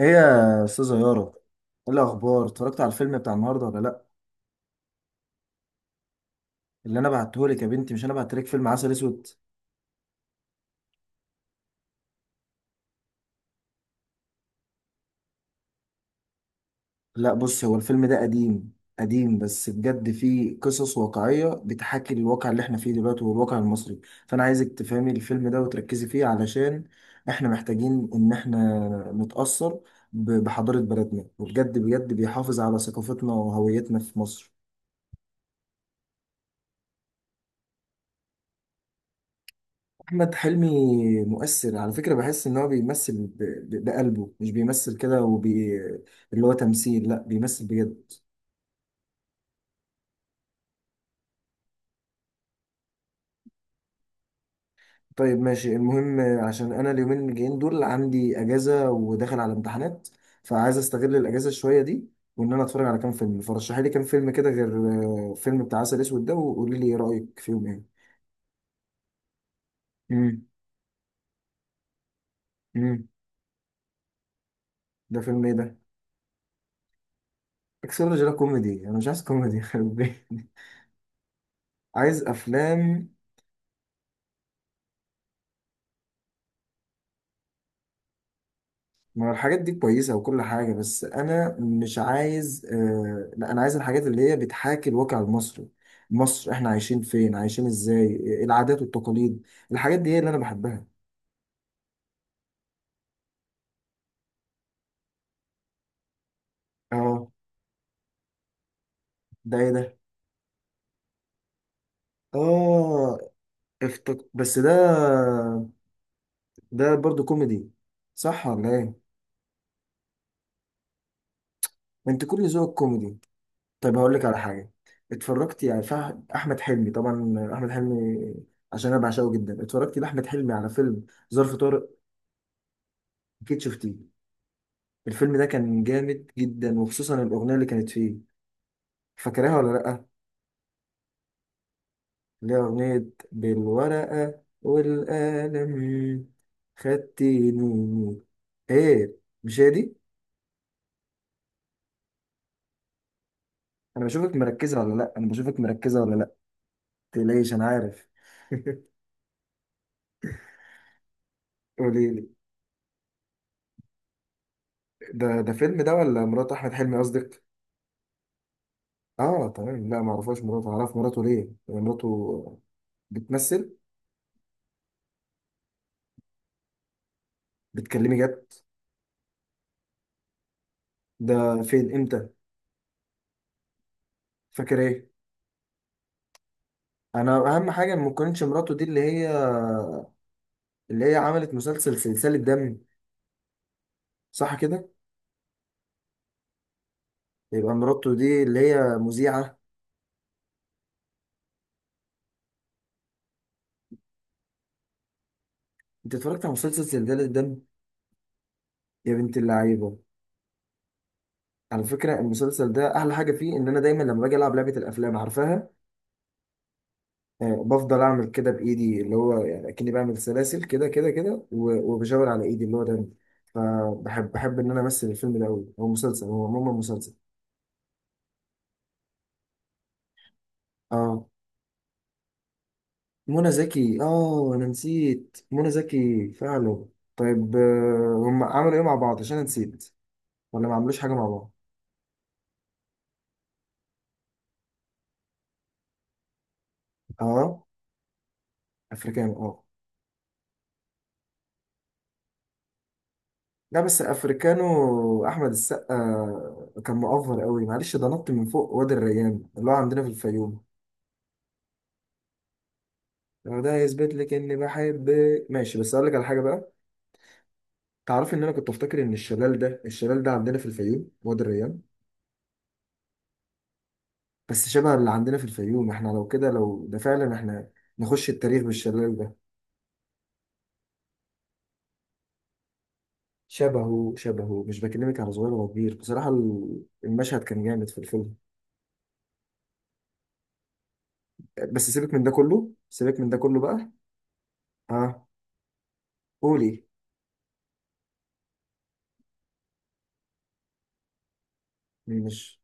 ايه يا استاذه يارا؟ ايه الاخبار؟ اتفرجت على الفيلم بتاع النهارده ولا لا؟ اللي انا بعته لك يا بنتي، مش انا بعت لك فيلم عسل اسود؟ لا بص، هو الفيلم ده قديم. قديم بس بجد فيه قصص واقعيه بتحاكي الواقع اللي احنا فيه دلوقتي والواقع المصري. فانا عايزك تفهمي الفيلم ده وتركزي فيه علشان احنا محتاجين ان احنا نتاثر بحضاره بلدنا، وبجد بجد بيحافظ على ثقافتنا وهويتنا في مصر. أحمد حلمي مؤثر على فكرة، بحس إن هو بيمثل بقلبه، مش بيمثل كده اللي هو تمثيل، لا بيمثل بجد. طيب ماشي، المهم عشان أنا اليومين الجايين دول عندي أجازة وداخل على امتحانات، فعايز أستغل الأجازة شوية دي، وإن أنا أتفرج على كام فيلم. فرشحي لي كام فيلم كده، غير فيلم بتاع عسل أسود ده، وقولي لي إيه رأيك فيهم إيه. امم. امم. ده فيلم إيه ده؟ اكسلوجي؟ ده كوميدي، أنا مش عايز كوميدي يخرب بيتي. عايز أفلام. ما هو الحاجات دي كويسة وكل حاجة، بس أنا مش عايز، لا، أنا عايز الحاجات اللي هي بتحاكي الواقع المصري. مصر، إحنا عايشين فين، عايشين إزاي، العادات والتقاليد، الحاجات دي هي اللي أنا بحبها. آه، ده إيه ده؟ آه، بس ده، ده برضو كوميدي، صح ولا إيه؟ ما أنت كل ذوقك كوميدي. طيب هقول لك على حاجة. اتفرجت يعني أحمد حلمي طبعا. أحمد حلمي، عشان أنا بعشقه جدا، اتفرجت لأحمد حلمي على فيلم ظرف طارق. أكيد شفتيه؟ الفيلم ده كان جامد جدا، وخصوصا الأغنية اللي كانت فيه. فاكرها ولا لأ؟ اللي هي أغنية بالورقة والقلم خدتيني. إيه، مش هي دي؟ أنا بشوفك مركزة ولا لأ؟ أنا بشوفك مركزة ولا لأ؟ متقلقيش، أنا عارف. قوليلي. ده فيلم ده، ولا مرات أحمد حلمي قصدك؟ آه تمام، لأ، معرفهاش مراته. أعرف مراته ليه؟ يعني مراته بتمثل؟ بتكلمي جد؟ ده فين، إمتى؟ فاكر إيه؟ انا اهم حاجه ما تكونش مراته دي اللي هي عملت مسلسل سلسله دم. صح كده، يبقى مراته دي اللي هي مذيعه. انت اتفرجت على مسلسل سلسله دم يا بنت اللعيبه؟ على فكره المسلسل ده احلى حاجه فيه ان انا دايما لما باجي العب لعبه الافلام، عارفاها، آه، بفضل اعمل كده بايدي، اللي هو يعني اكني بعمل سلاسل كده كده كده، وبشاور على ايدي اللي هو دم. فبحب ان انا امثل الفيلم ده قوي، هو مسلسل، هو عموما مسلسل. اه، منى زكي. اه انا نسيت منى زكي فعلا. طيب، هم عملوا ايه مع بعض عشان أنا نسيت؟ ولا ما عملوش حاجه مع بعض؟ اه، افريكانو، اه. لا بس افريكانو احمد السقا كان مؤفر قوي، معلش، ده نط من فوق وادي الريان اللي هو عندنا في الفيوم. لو ده يثبت لك اني بحب، ماشي. بس اقول لك على حاجه بقى، تعرفي ان انا كنت افتكر ان الشلال ده، الشلال ده عندنا في الفيوم، وادي الريان. بس شبه اللي عندنا في الفيوم احنا. لو كده، لو ده فعلا، احنا نخش التاريخ بالشلال ده. شبهه شبهه، مش بكلمك على صغير ولا كبير، بصراحة المشهد كان جامد في الفيلم. بس سيبك من ده كله، سيبك من ده كله بقى. ها، قولي. مين مش؟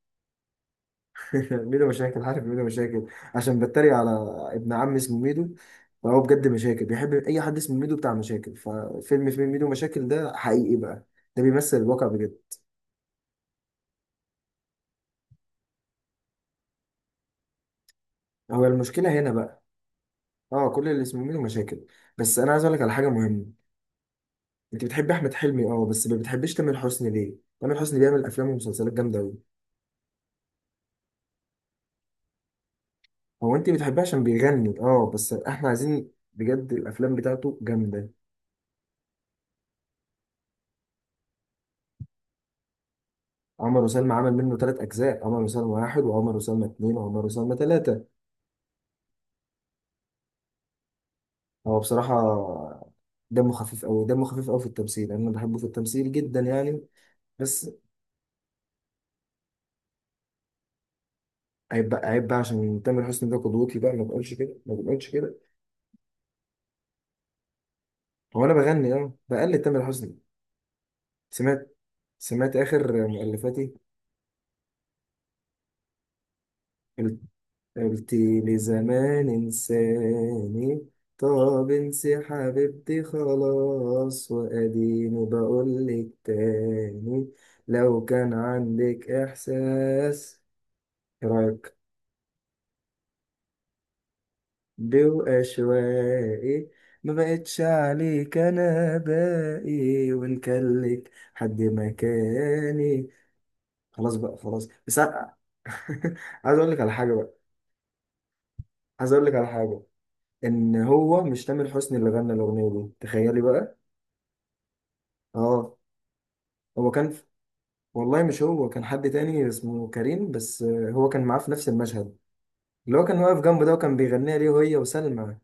ميدو مشاكل، عارف ميدو مشاكل، عشان بتريق على ابن عم اسمه ميدو، فهو بجد مشاكل، بيحب اي حد اسمه ميدو بتاع مشاكل، ففيلم فيلم ميدو مشاكل ده حقيقي بقى، ده بيمثل الواقع بجد. هو المشكلة هنا بقى، اه، كل اللي اسمه ميدو مشاكل. بس انا عايز اقول لك على حاجة مهمة، انت بتحبي احمد حلمي اه، بس ما بتحبيش تامر حسني ليه؟ تامر حسني بيعمل افلام ومسلسلات جامده قوي. هو انت بتحبيه عشان بيغني؟ اه، بس احنا عايزين بجد، الافلام بتاعته جامده. عمر وسلمى عمل منه ثلاث اجزاء، عمر وسلمى واحد، وعمر وسلمى اتنين، وعمر وسلمى ثلاثه. هو بصراحه دمه خفيف قوي، دمه خفيف قوي في التمثيل، انا بحبه في التمثيل جدا يعني. بس عيب بقى، عيب بقى، عشان تامر حسني ده قدوتي بقى، ما بقولش كده، ما بقولش كده. هو انا بغني، اه، بقلد تامر حسني. سمعت سمعت اخر مؤلفاتي: قلتي لي زمان انساني، طب انسي حبيبتي خلاص، واديني بقولك تاني، لو كان عندك احساس، راك، بواشوائي، ما بقتش عليك، انا باقي، وان كان لك حد مكاني. خلاص بقى، خلاص بس. عايز اقول لك على حاجه بقى عايز اقول لك على حاجه، ان هو مش تامر حسني اللي غنى الاغنيه دي، تخيلي بقى. اه، هو كان، والله مش هو، كان حد تاني اسمه كريم، بس آه، هو كان معاه في نفس المشهد، اللي هو كان واقف جنبه ده وكان بيغنيها ليه، وهي وسلمى،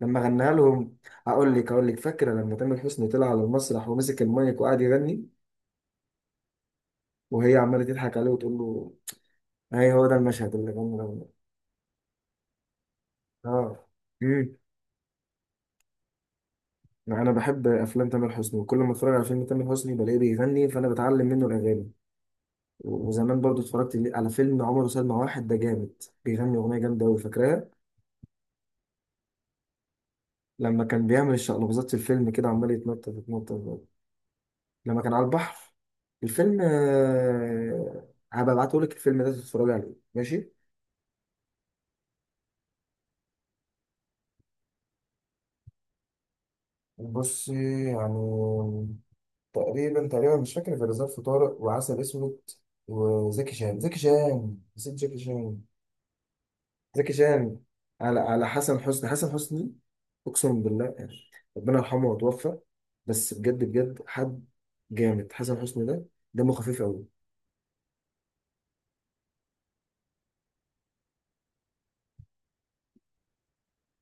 لما غناها لهم. هقول لك فاكره لما تامر حسني طلع على المسرح ومسك المايك وقعد يغني، وهي عماله تضحك عليه وتقول له. هي هو ده المشهد اللي غنى الاغنيه. اه. امم انا بحب افلام تامر حسني، وكل ما اتفرج على فيلم تامر حسني بلاقيه بيغني، فانا بتعلم منه الاغاني. وزمان برضو اتفرجت على فيلم عمر وسلمى واحد ده، جامد، بيغني أغنية جامدة أوي فاكراها، لما كان بيعمل الشقلباظات في الفيلم كده، عمال يتنطط يتنطط، لما كان على البحر، الفيلم آه، هبقى ابعتهولك الفيلم ده تتفرج عليه ماشي. بص يعني، تقريبا تقريبا مش فاكر غير ظرف طارق وعسل اسود، وزكي شان نسيت زكي شان. زكي شان على حسن حسني، حسن حسني اقسم بالله يعني، ربنا يرحمه وتوفى، بس بجد بجد حد جامد حسن حسني ده، دمه خفيف قوي.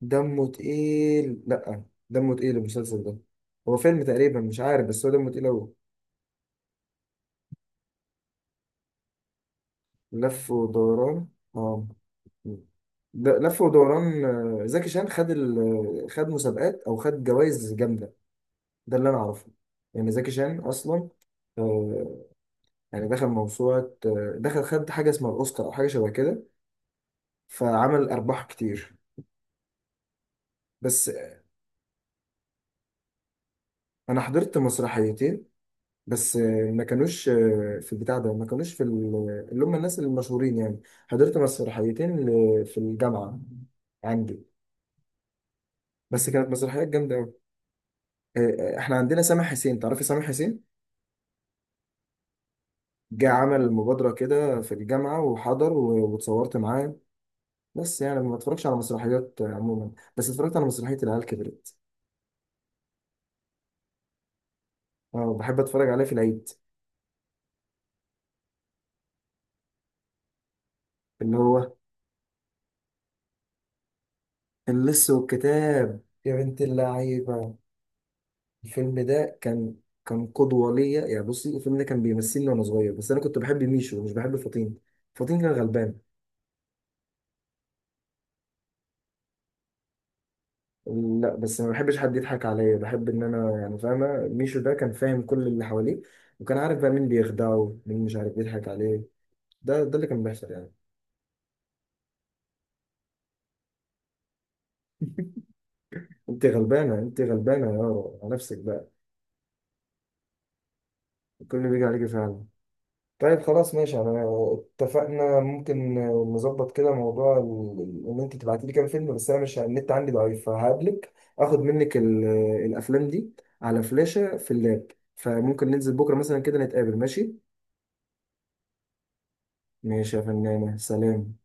دمه تقيل، لا، دمه تقيل المسلسل ده، هو فيلم تقريبا مش عارف، بس هو دمه تقيل قوي. لف ودوران، اه، ده لف ودوران. زكي شان خد خد مسابقات او خد جوائز جامده، ده اللي انا اعرفه. يعني زكي شان اصلا، آه، يعني دخل موسوعة، دخل خد حاجة اسمها الأوسكار أو حاجة شبه كده، فعمل أرباح كتير. بس أنا حضرت مسرحيتين بس، ما كانوش في البتاع ده، ما كانوش في اللي هم الناس المشهورين يعني. حضرت مسرحيتين في الجامعة عندي، بس كانت مسرحيات جامدة أوي. إحنا عندنا سامح حسين، تعرفي سامح حسين؟ جه عمل مبادرة كده في الجامعة وحضر، واتصورت معاه. بس يعني ما اتفرجش على مسرحيات عموما، بس اتفرجت على مسرحية العيال كبرت، اه بحب اتفرج عليه في العيد. اللي هو اللص والكتاب يا بنت اللعيبة. الفيلم ده كان، كان قدوة ليا يعني. بصي، الفيلم ده كان بيمثلني وأنا صغير، بس أنا كنت بحب ميشو، مش بحب فطين. فطين كان غلبان. لا بس ما بحبش حد يضحك عليا، بحب إن أنا يعني فاهمة. ميشو ده كان فاهم كل اللي حواليه، وكان عارف بقى مين بيخدعه، مين مش عارف بيضحك عليه. ده اللي كان بيحصل يعني. أنت غلبانة، أنت غلبانة يا يارا على نفسك بقى، كل اللي بيجي عليكي فعلا. طيب خلاص، ماشي، انا اتفقنا. ممكن نظبط كده موضوع ان انت تبعتي لي كام فيلم، بس انا، مش النت عندي ضعيف، فهقابلك اخد منك الافلام دي على فلاشة في اللاب، فممكن ننزل بكرة مثلا كده نتقابل، ماشي؟ ماشي يا فنانة، سلام.